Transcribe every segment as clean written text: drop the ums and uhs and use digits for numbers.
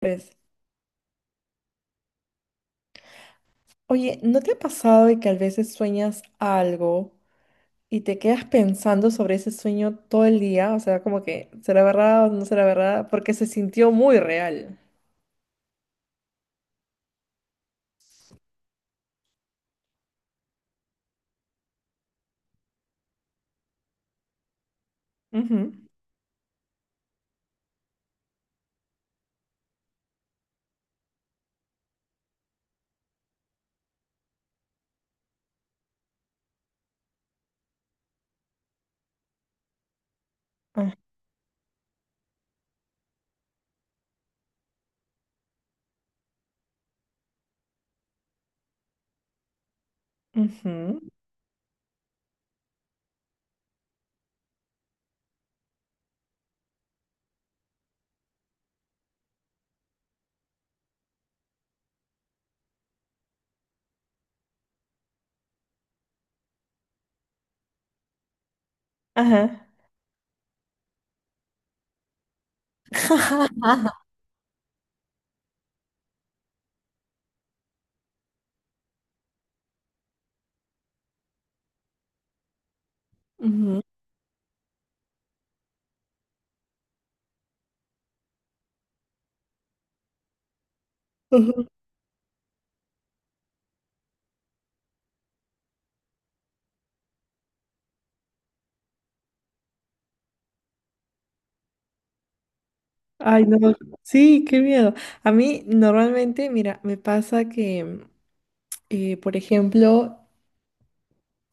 Pues, oye, ¿no te ha pasado de que a veces sueñas algo y te quedas pensando sobre ese sueño todo el día? O sea, como que, ¿será verdad o no será verdad? Porque se sintió muy real. Ujú. Ah, ujú. Ajá. Ujú. Ujú. Ay, no. Sí, qué miedo. A mí normalmente, mira, me pasa que, por ejemplo,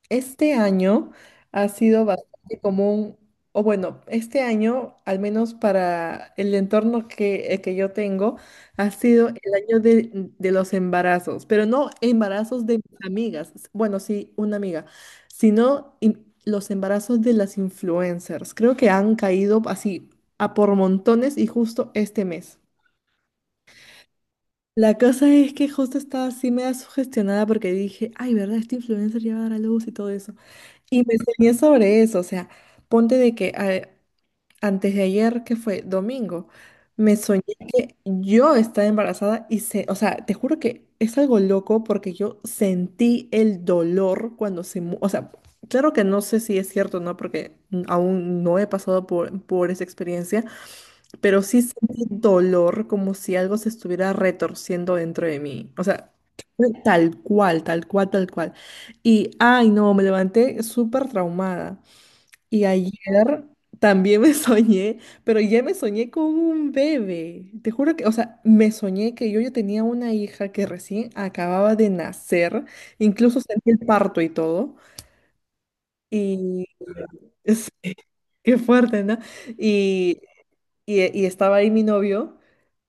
este año ha sido bastante común, o bueno, este año, al menos para el entorno que, el que yo tengo, ha sido el año de los embarazos, pero no embarazos de mis amigas, bueno, sí, una amiga, sino los embarazos de las influencers. Creo que han caído así a por montones y justo este mes. La cosa es que justo estaba así media sugestionada porque dije, ay, ¿verdad? Este influencer ya va a dar a luz y todo eso. Y me enseñé sobre eso, o sea, ponte de que antes de ayer, que fue domingo, me soñé que yo estaba embarazada o sea, te juro que es algo loco porque yo sentí el dolor o sea, claro que no sé si es cierto, o ¿no? Porque aún no he pasado por esa experiencia, pero sí sentí dolor como si algo se estuviera retorciendo dentro de mí. O sea, fue tal cual, tal cual, tal cual. Y, ay, no, me levanté súper traumada. Y ayer también me soñé, pero ya me soñé con un bebé. Te juro que, o sea, me soñé que yo ya tenía una hija que recién acababa de nacer, incluso sentí el parto y todo. Y, sí, qué fuerte, ¿no? Y, y estaba ahí mi novio.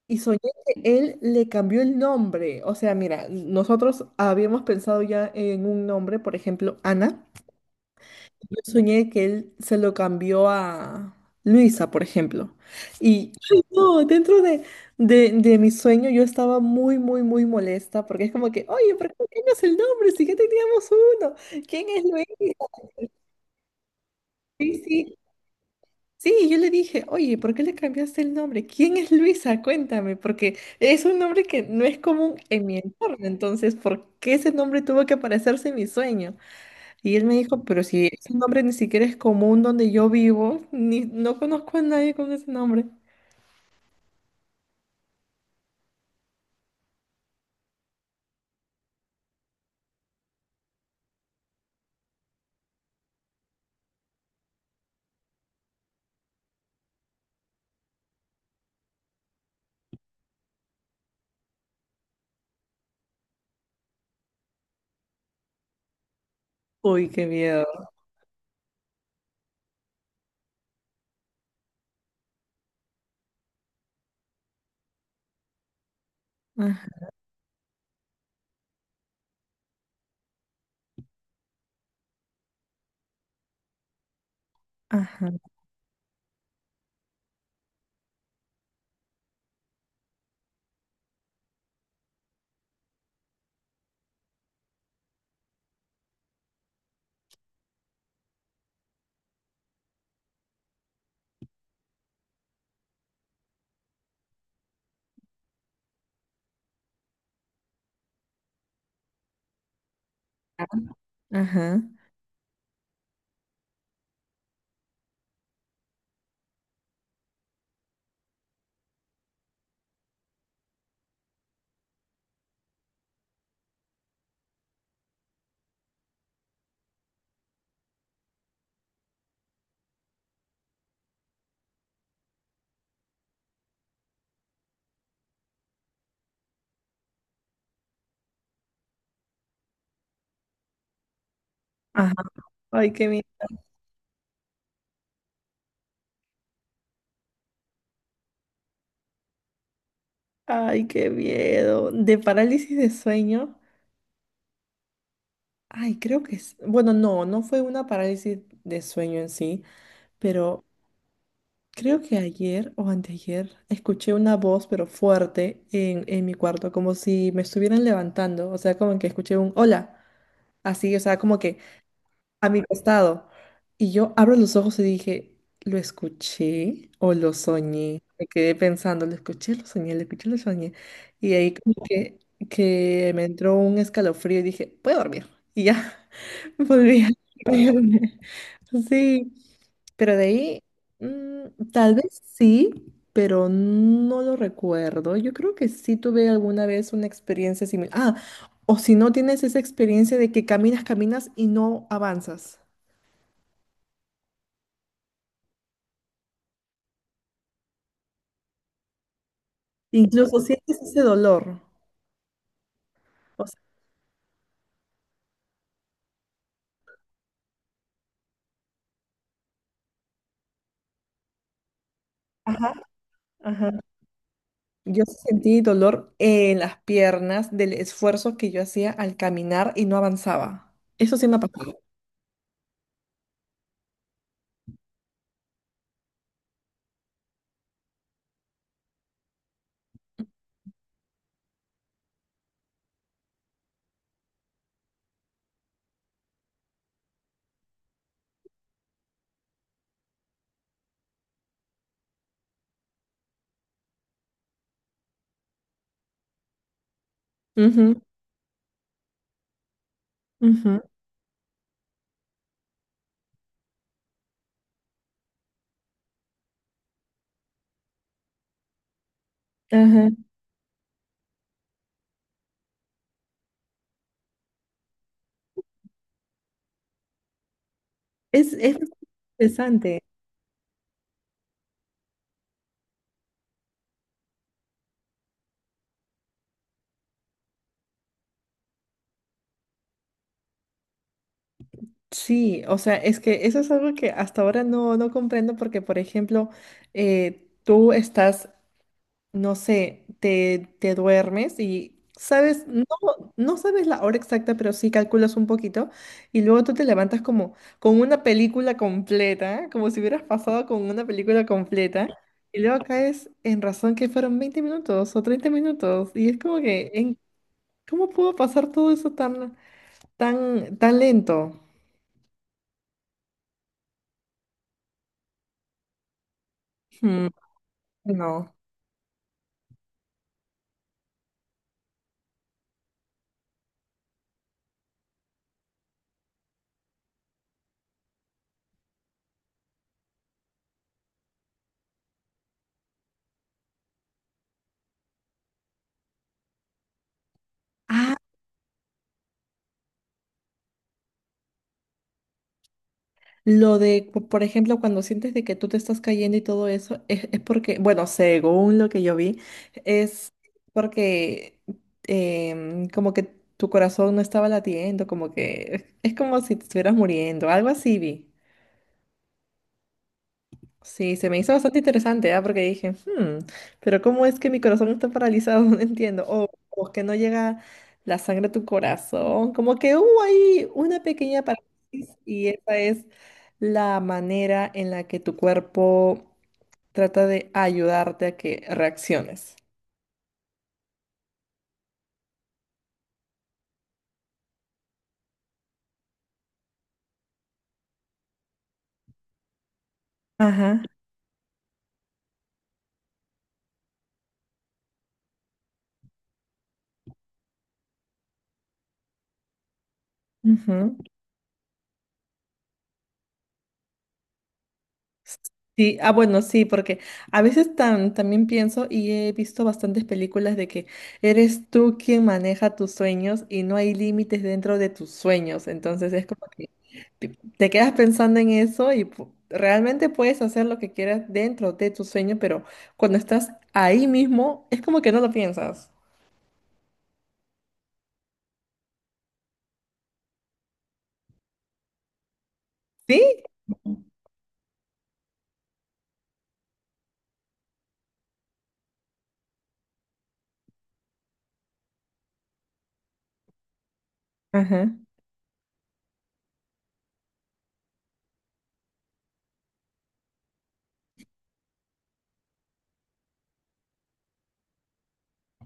Y soñé que él le cambió el nombre. O sea, mira, nosotros habíamos pensado ya en un nombre, por ejemplo, Ana. Yo soñé que él se lo cambió a Luisa, por ejemplo. Y ay, no, dentro de mi sueño yo estaba muy, muy, muy molesta porque es como que, oye, ¿por qué no cambias el nombre? Si ya teníamos uno. ¿Quién es Luisa? Sí, sí, sí, yo le dije, oye, ¿por qué le cambiaste el nombre? ¿Quién es Luisa? Cuéntame, porque es un nombre que no es común en mi entorno, entonces, ¿por qué ese nombre tuvo que aparecerse en mi sueño? Y él me dijo, pero si ese nombre ni siquiera es común donde yo vivo, ni, no conozco a nadie con ese nombre. Uy, qué miedo. Ajá, ajá, ajá, ajá. Ay, qué miedo. Ay, qué miedo. De parálisis de sueño. Ay, creo que es. Bueno, no, no fue una parálisis de sueño en sí, pero creo que ayer o anteayer escuché una voz, pero fuerte, en mi cuarto, como si me estuvieran levantando, o sea, como que escuché un hola, así, o sea, como que a mi costado. Y yo abro los ojos y dije, ¿lo escuché o lo soñé? Me quedé pensando, ¿lo escuché, lo soñé, lo escuché, lo soñé? Y ahí como que me entró un escalofrío y dije, voy a dormir. Y ya, volví a dormirme. Sí, pero de ahí, tal vez sí, pero no lo recuerdo. Yo creo que sí tuve alguna vez una experiencia similar. Ah. O si no tienes esa experiencia de que caminas, caminas y no avanzas. Incluso sientes ese dolor. O sea, ajá, ajá. Yo sí sentí dolor en las piernas del esfuerzo que yo hacía al caminar y no avanzaba. Eso sí me ha pasado. Ujú, ujú, ajá. Es interesante. Sí, o sea, es que eso es algo que hasta ahora no, no comprendo porque, por ejemplo, tú estás no sé, te duermes y sabes, no, no sabes la hora exacta, pero sí calculas un poquito y luego tú te levantas como con una película completa, como si hubieras pasado con una película completa y luego caes en razón que fueron 20 minutos o 30 minutos y es como que, ¿ cómo pudo pasar todo eso tan, tan, tan lento? Hmm, no. Lo de, por ejemplo, cuando sientes de que tú te estás cayendo y todo eso, es porque, bueno, según lo que yo vi, es porque como que tu corazón no estaba latiendo, como que es como si te estuvieras muriendo, algo así vi. Sí, se me hizo bastante interesante, ¿ah? Porque dije, "Hmm, pero ¿cómo es que mi corazón está paralizado? No entiendo. O que no llega la sangre a tu corazón. Como que hubo ahí una pequeña parálisis y esa es la manera en la que tu cuerpo trata de ayudarte a que reacciones. Ajá. Sí, ah, bueno, sí, porque a veces también pienso y he visto bastantes películas de que eres tú quien maneja tus sueños y no hay límites dentro de tus sueños. Entonces es como que te te quedas pensando en eso y realmente puedes hacer lo que quieras dentro de tu sueño, pero cuando estás ahí mismo es como que no lo piensas. ¿Sí? Ajá.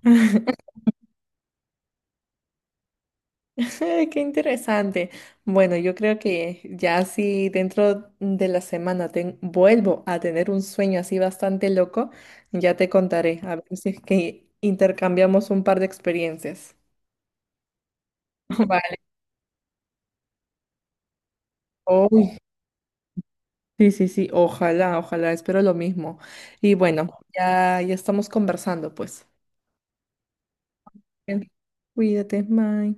Qué interesante. Bueno, yo creo que ya si dentro de la semana vuelvo a tener un sueño así bastante loco, ya te contaré. A ver si es que intercambiamos un par de experiencias. Vale. Uy, sí, sí, sí. Ojalá, ojalá. Espero lo mismo. Y bueno, ya, ya estamos conversando, pues. Bien. Cuídate, bye.